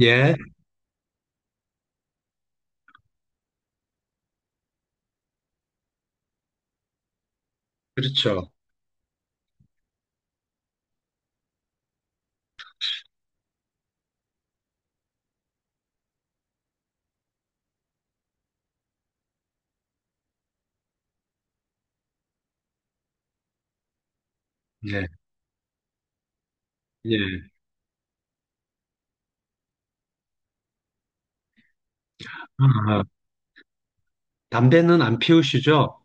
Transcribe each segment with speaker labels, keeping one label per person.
Speaker 1: 예, 그렇죠. 예, 예. 아, 아. 담배는 안 피우시죠?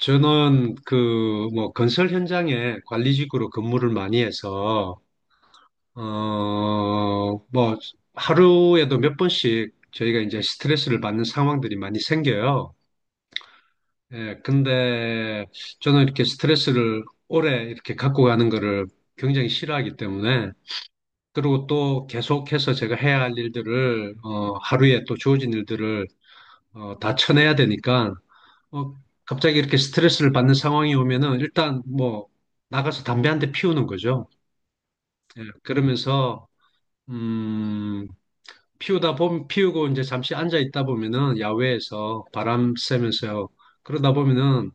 Speaker 1: 저는 그, 뭐, 건설 현장에 관리직으로 근무를 많이 해서, 어, 뭐, 하루에도 몇 번씩 저희가 이제 스트레스를 받는 상황들이 많이 생겨요. 예, 근데 저는 이렇게 스트레스를 오래 이렇게 갖고 가는 거를 굉장히 싫어하기 때문에, 그리고 또 계속해서 제가 해야 할 일들을, 하루에 또 주어진 일들을 다 쳐내야 되니까, 어, 갑자기 이렇게 스트레스를 받는 상황이 오면은 일단 뭐 나가서 담배 한 대 피우는 거죠. 예, 그러면서, 음, 피우다 보면, 피우고 이제 잠시 앉아 있다 보면은 야외에서 바람 쐬면서 그러다 보면은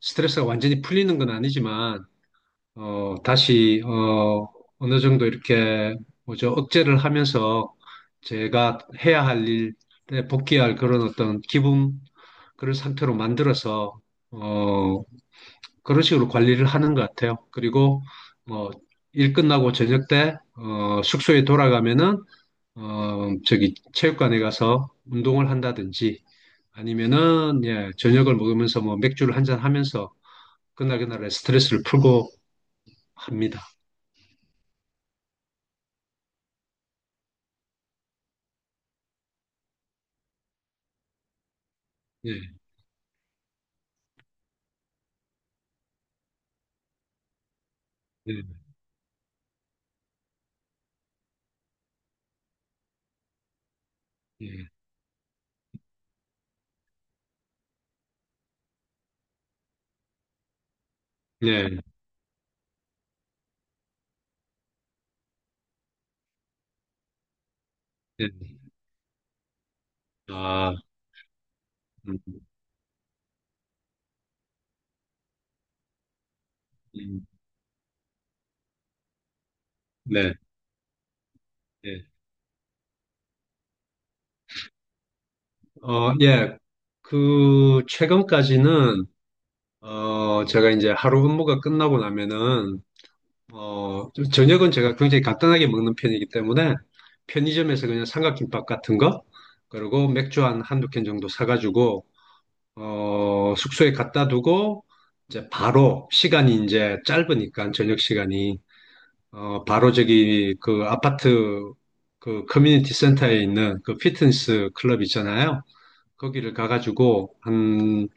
Speaker 1: 스트레스가 완전히 풀리는 건 아니지만 다시, 어느 정도 이렇게, 뭐죠, 억제를 하면서 제가 해야 할 일에 복귀할 그런 어떤 기분, 그런 상태로 만들어서, 어, 그런 식으로 관리를 하는 것 같아요. 그리고, 뭐, 일 끝나고 저녁 때, 숙소에 돌아가면은, 저기, 체육관에 가서 운동을 한다든지, 아니면은, 예, 저녁을 먹으면서 뭐 맥주를 한잔 하면서, 그날 그날의 스트레스를 풀고 합니다. 예. 네, 예, 네, 네. 네. 아, 음, 음, 네, 예. 어, 예. 그, 최근까지는, 제가 이제 하루 업무가 끝나고 나면은, 좀 저녁은 제가 굉장히 간단하게 먹는 편이기 때문에, 편의점에서 그냥 삼각김밥 같은 거, 그리고 맥주 한 한두 캔 정도 사가지고, 숙소에 갖다 두고, 이제 바로, 시간이 이제 짧으니까, 저녁 시간이. 바로 저기 그 아파트 그 커뮤니티 센터에 있는 그 피트니스 클럽 있잖아요. 거기를 가가지고 한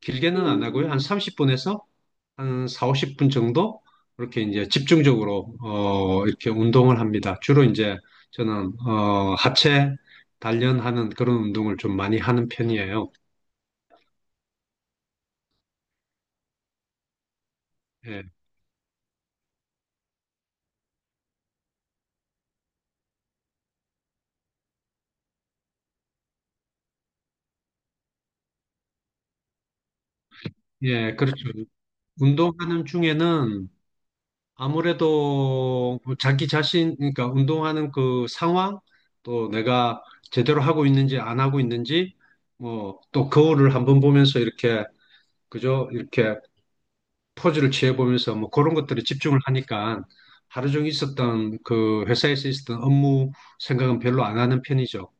Speaker 1: 길게는 안 하고요. 한 30분에서 한 4, 50분 정도 이렇게 이제 집중적으로 이렇게 운동을 합니다. 주로 이제 저는 하체 단련하는 그런 운동을 좀 많이 하는 편이에요. 예, 예, 그렇죠. 운동하는 중에는 아무래도 그 자기 자신, 그러니까 운동하는 그 상황, 또 내가 제대로 하고 있는지 안 하고 있는지, 뭐, 또 거울을 한번 보면서 이렇게, 그죠? 이렇게 포즈를 취해보면서 뭐 그런 것들에 집중을 하니까 하루 종일 있었던 그 회사에서 있었던 업무 생각은 별로 안 하는 편이죠.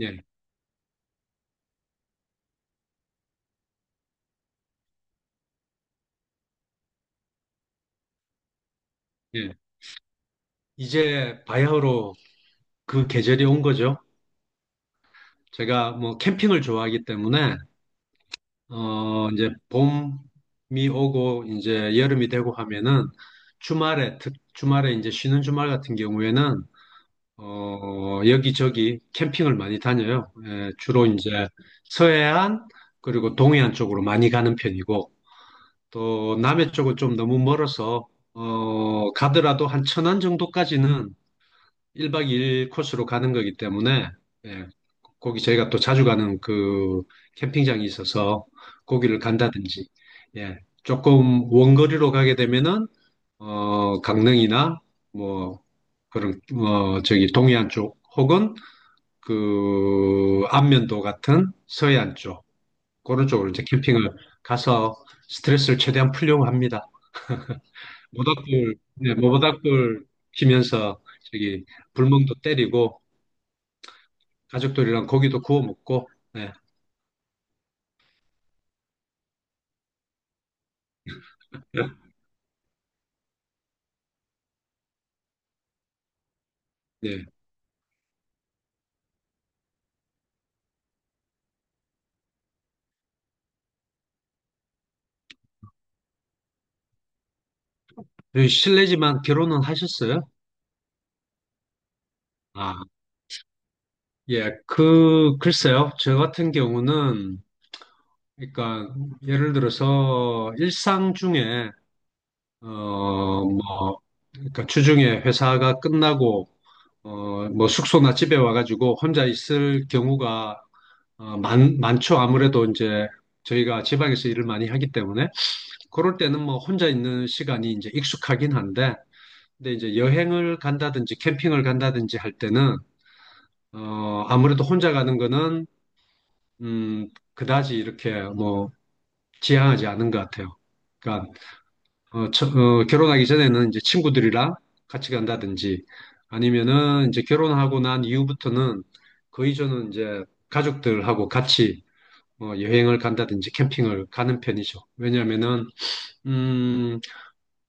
Speaker 1: 예, 예. 이제 바야흐로 그 계절이 온 거죠. 제가 뭐 캠핑을 좋아하기 때문에 이제 봄이 오고 이제 여름이 되고 하면은 주말에, 주말에 이제 쉬는 주말 같은 경우에는 여기저기 캠핑을 많이 다녀요. 예, 주로 이제 서해안 그리고 동해안 쪽으로 많이 가는 편이고 또 남해 쪽은 좀 너무 멀어서 가더라도 한 천안 정도까지는 1박 2일 코스로 가는 거기 때문에 예, 거기 저희가 또 자주 가는 그 캠핑장이 있어서 거기를 간다든지, 예, 조금 원거리로 가게 되면은, 강릉이나 뭐, 그런, 저기 동해안 쪽 혹은 그 안면도 같은 서해안 쪽, 그런 쪽으로 이제 캠핑을 가서 스트레스를 최대한 풀려고 합니다. 모닥불, 네, 뭐 모닥불 피면서 저기 불멍도 때리고 가족들이랑 고기도 구워 먹고, 네. 네. 네, 실례지만 결혼은 하셨어요? 아, 예, 그, 글쎄요. 저 같은 경우는, 그러니까, 예를 들어서 일상 중에, 어, 뭐, 그러니까 주중에 회사가 끝나고, 뭐 숙소나 집에 와가지고 혼자 있을 경우가 많죠. 아무래도 이제 저희가 지방에서 일을 많이 하기 때문에. 그럴 때는 뭐 혼자 있는 시간이 이제 익숙하긴 한데, 근데 이제 여행을 간다든지 캠핑을 간다든지 할 때는 아무래도 혼자 가는 거는, 음, 그다지 이렇게 뭐, 지향하지 않은 것 같아요. 그러니까, 결혼하기 전에는 이제 친구들이랑 같이 간다든지 아니면은 이제 결혼하고 난 이후부터는 거의 저는 이제 가족들하고 같이 여행을 간다든지 캠핑을 가는 편이죠. 왜냐면은, 음,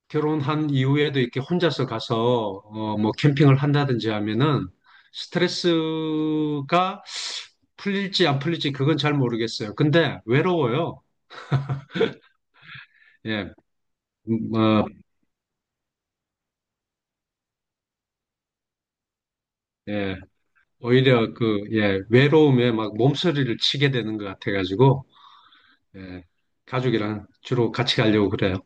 Speaker 1: 결혼한 이후에도 이렇게 혼자서 가서 뭐 캠핑을 한다든지 하면은 스트레스가 풀릴지 안 풀릴지 그건 잘 모르겠어요. 근데 외로워요. 예, 어, 예, 오히려 그, 예, 외로움에 막 몸서리를 치게 되는 것 같아가지고, 예, 가족이랑 주로 같이 가려고 그래요.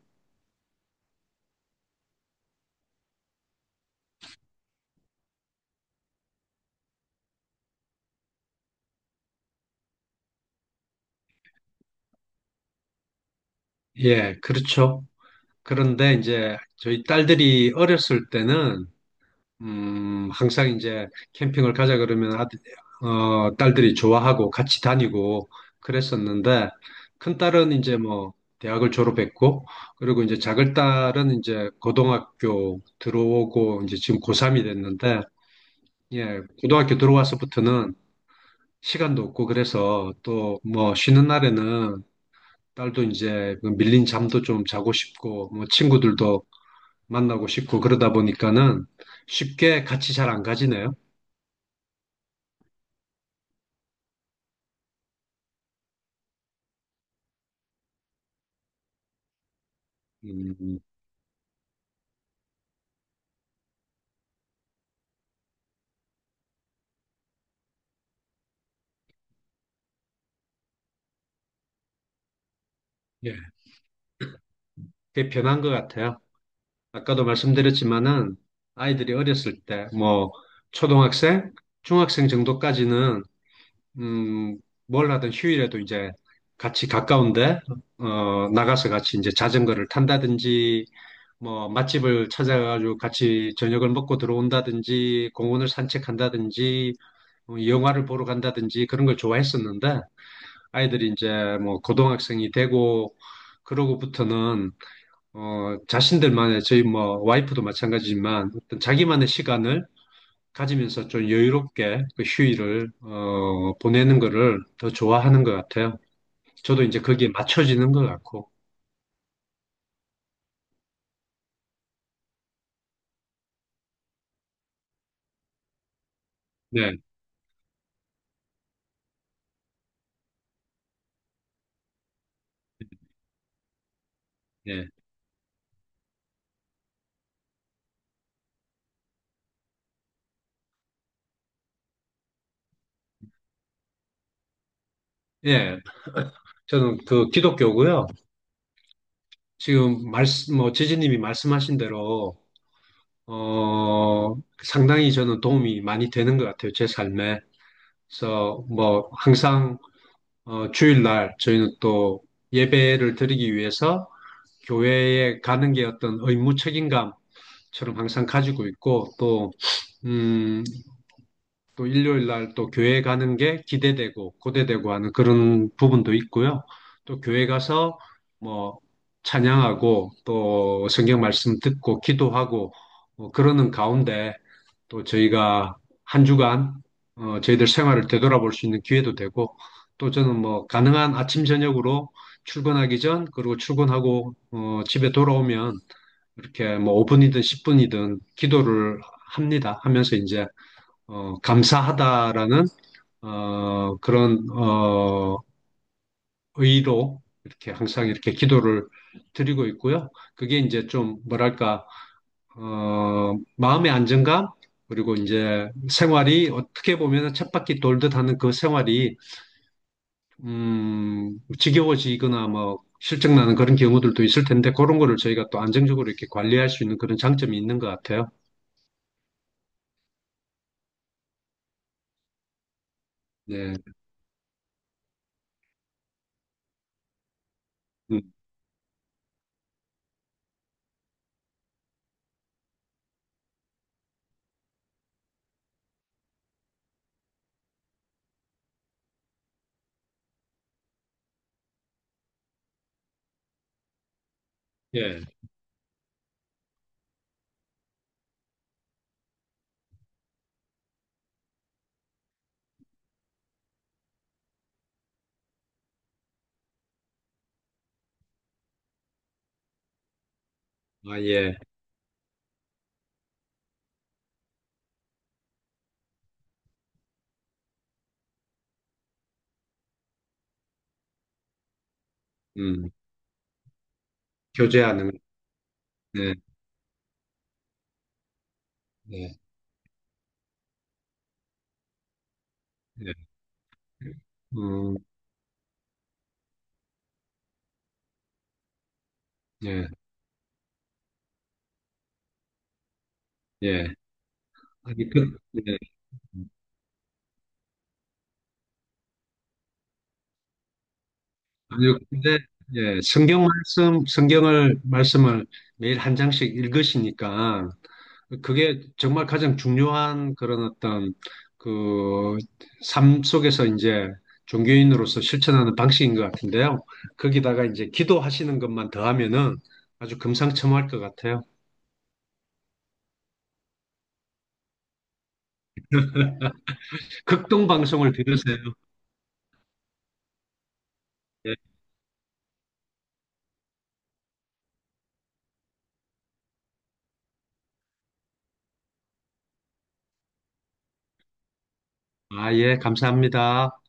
Speaker 1: 예, 그렇죠. 그런데 이제 저희 딸들이 어렸을 때는 항상 이제 캠핑을 가자 그러면 아들, 딸들이 좋아하고 같이 다니고 그랬었는데 큰 딸은 이제 뭐 대학을 졸업했고 그리고 이제 작은 딸은 이제 고등학교 들어오고 이제 지금 고3이 됐는데 예, 고등학교 들어와서부터는 시간도 없고 그래서 또 뭐 쉬는 날에는 딸도 이제 그 밀린 잠도 좀 자고 싶고 뭐 친구들도 만나고 싶고 그러다 보니까는 쉽게 같이 잘 안 가지네요. 음, 예, 그게 변한 것 같아요. 아까도 말씀드렸지만은 아이들이 어렸을 때, 뭐, 초등학생, 중학생 정도까지는, 음, 뭘 하든 휴일에도 이제 같이 가까운데, 나가서 같이 이제 자전거를 탄다든지, 뭐, 맛집을 찾아가지고 같이 저녁을 먹고 들어온다든지, 공원을 산책한다든지, 영화를 보러 간다든지 그런 걸 좋아했었는데, 아이들이 이제 뭐, 고등학생이 되고, 그러고부터는 자신들만의, 저희 뭐, 와이프도 마찬가지지만, 어떤 자기만의 시간을 가지면서 좀 여유롭게 그 휴일을, 보내는 거를 더 좋아하는 것 같아요. 저도 이제 거기에 맞춰지는 것 같고, 네, 네, 예. 저는 그 기독교고요. 지금 말씀, 뭐, 지지님이 말씀하신 대로, 어, 상당히 저는 도움이 많이 되는 것 같아요. 제 삶에. 그래서 뭐, 항상, 주일날 저희는 또 예배를 드리기 위해서 교회에 가는 게 어떤 의무 책임감처럼 항상 가지고 있고 또 음, 또 일요일 날 또 교회 가는 게 기대되고 고대되고 하는 그런 부분도 있고요. 또 교회 가서 뭐 찬양하고 또 성경 말씀 듣고 기도하고 뭐 그러는 가운데 또 저희가 한 주간 저희들 생활을 되돌아볼 수 있는 기회도 되고 또 저는 뭐 가능한 아침 저녁으로 출근하기 전 그리고 출근하고 집에 돌아오면 이렇게 뭐 5분이든 10분이든 기도를 합니다. 하면서 이제 감사하다라는 그런 의로 이렇게 항상 이렇게 기도를 드리고 있고요. 그게 이제 좀 뭐랄까 마음의 안정감 그리고 이제 생활이 어떻게 보면 쳇바퀴 돌듯 하는 그 생활이 지겨워지거나 뭐 실증나는 그런 경우들도 있을 텐데 그런 거를 저희가 또 안정적으로 이렇게 관리할 수 있는 그런 장점이 있는 것 같아요. 네, 음, 예, 아 예, 음, 교제하는, 네, 네. 예. 음, 예, 예. 아니, 그, 예. 아니요, 근데, 예, 성경 말씀, 성경을, 말씀을 매일 한 장씩 읽으시니까, 그게 정말 가장 중요한 그런 어떤, 그, 삶 속에서 이제 종교인으로서 실천하는 방식인 것 같은데요. 거기다가 이제 기도하시는 것만 더하면은 아주 금상첨화할 것 같아요. 극동 방송을 들으세요. 예. 아, 예, 감사합니다.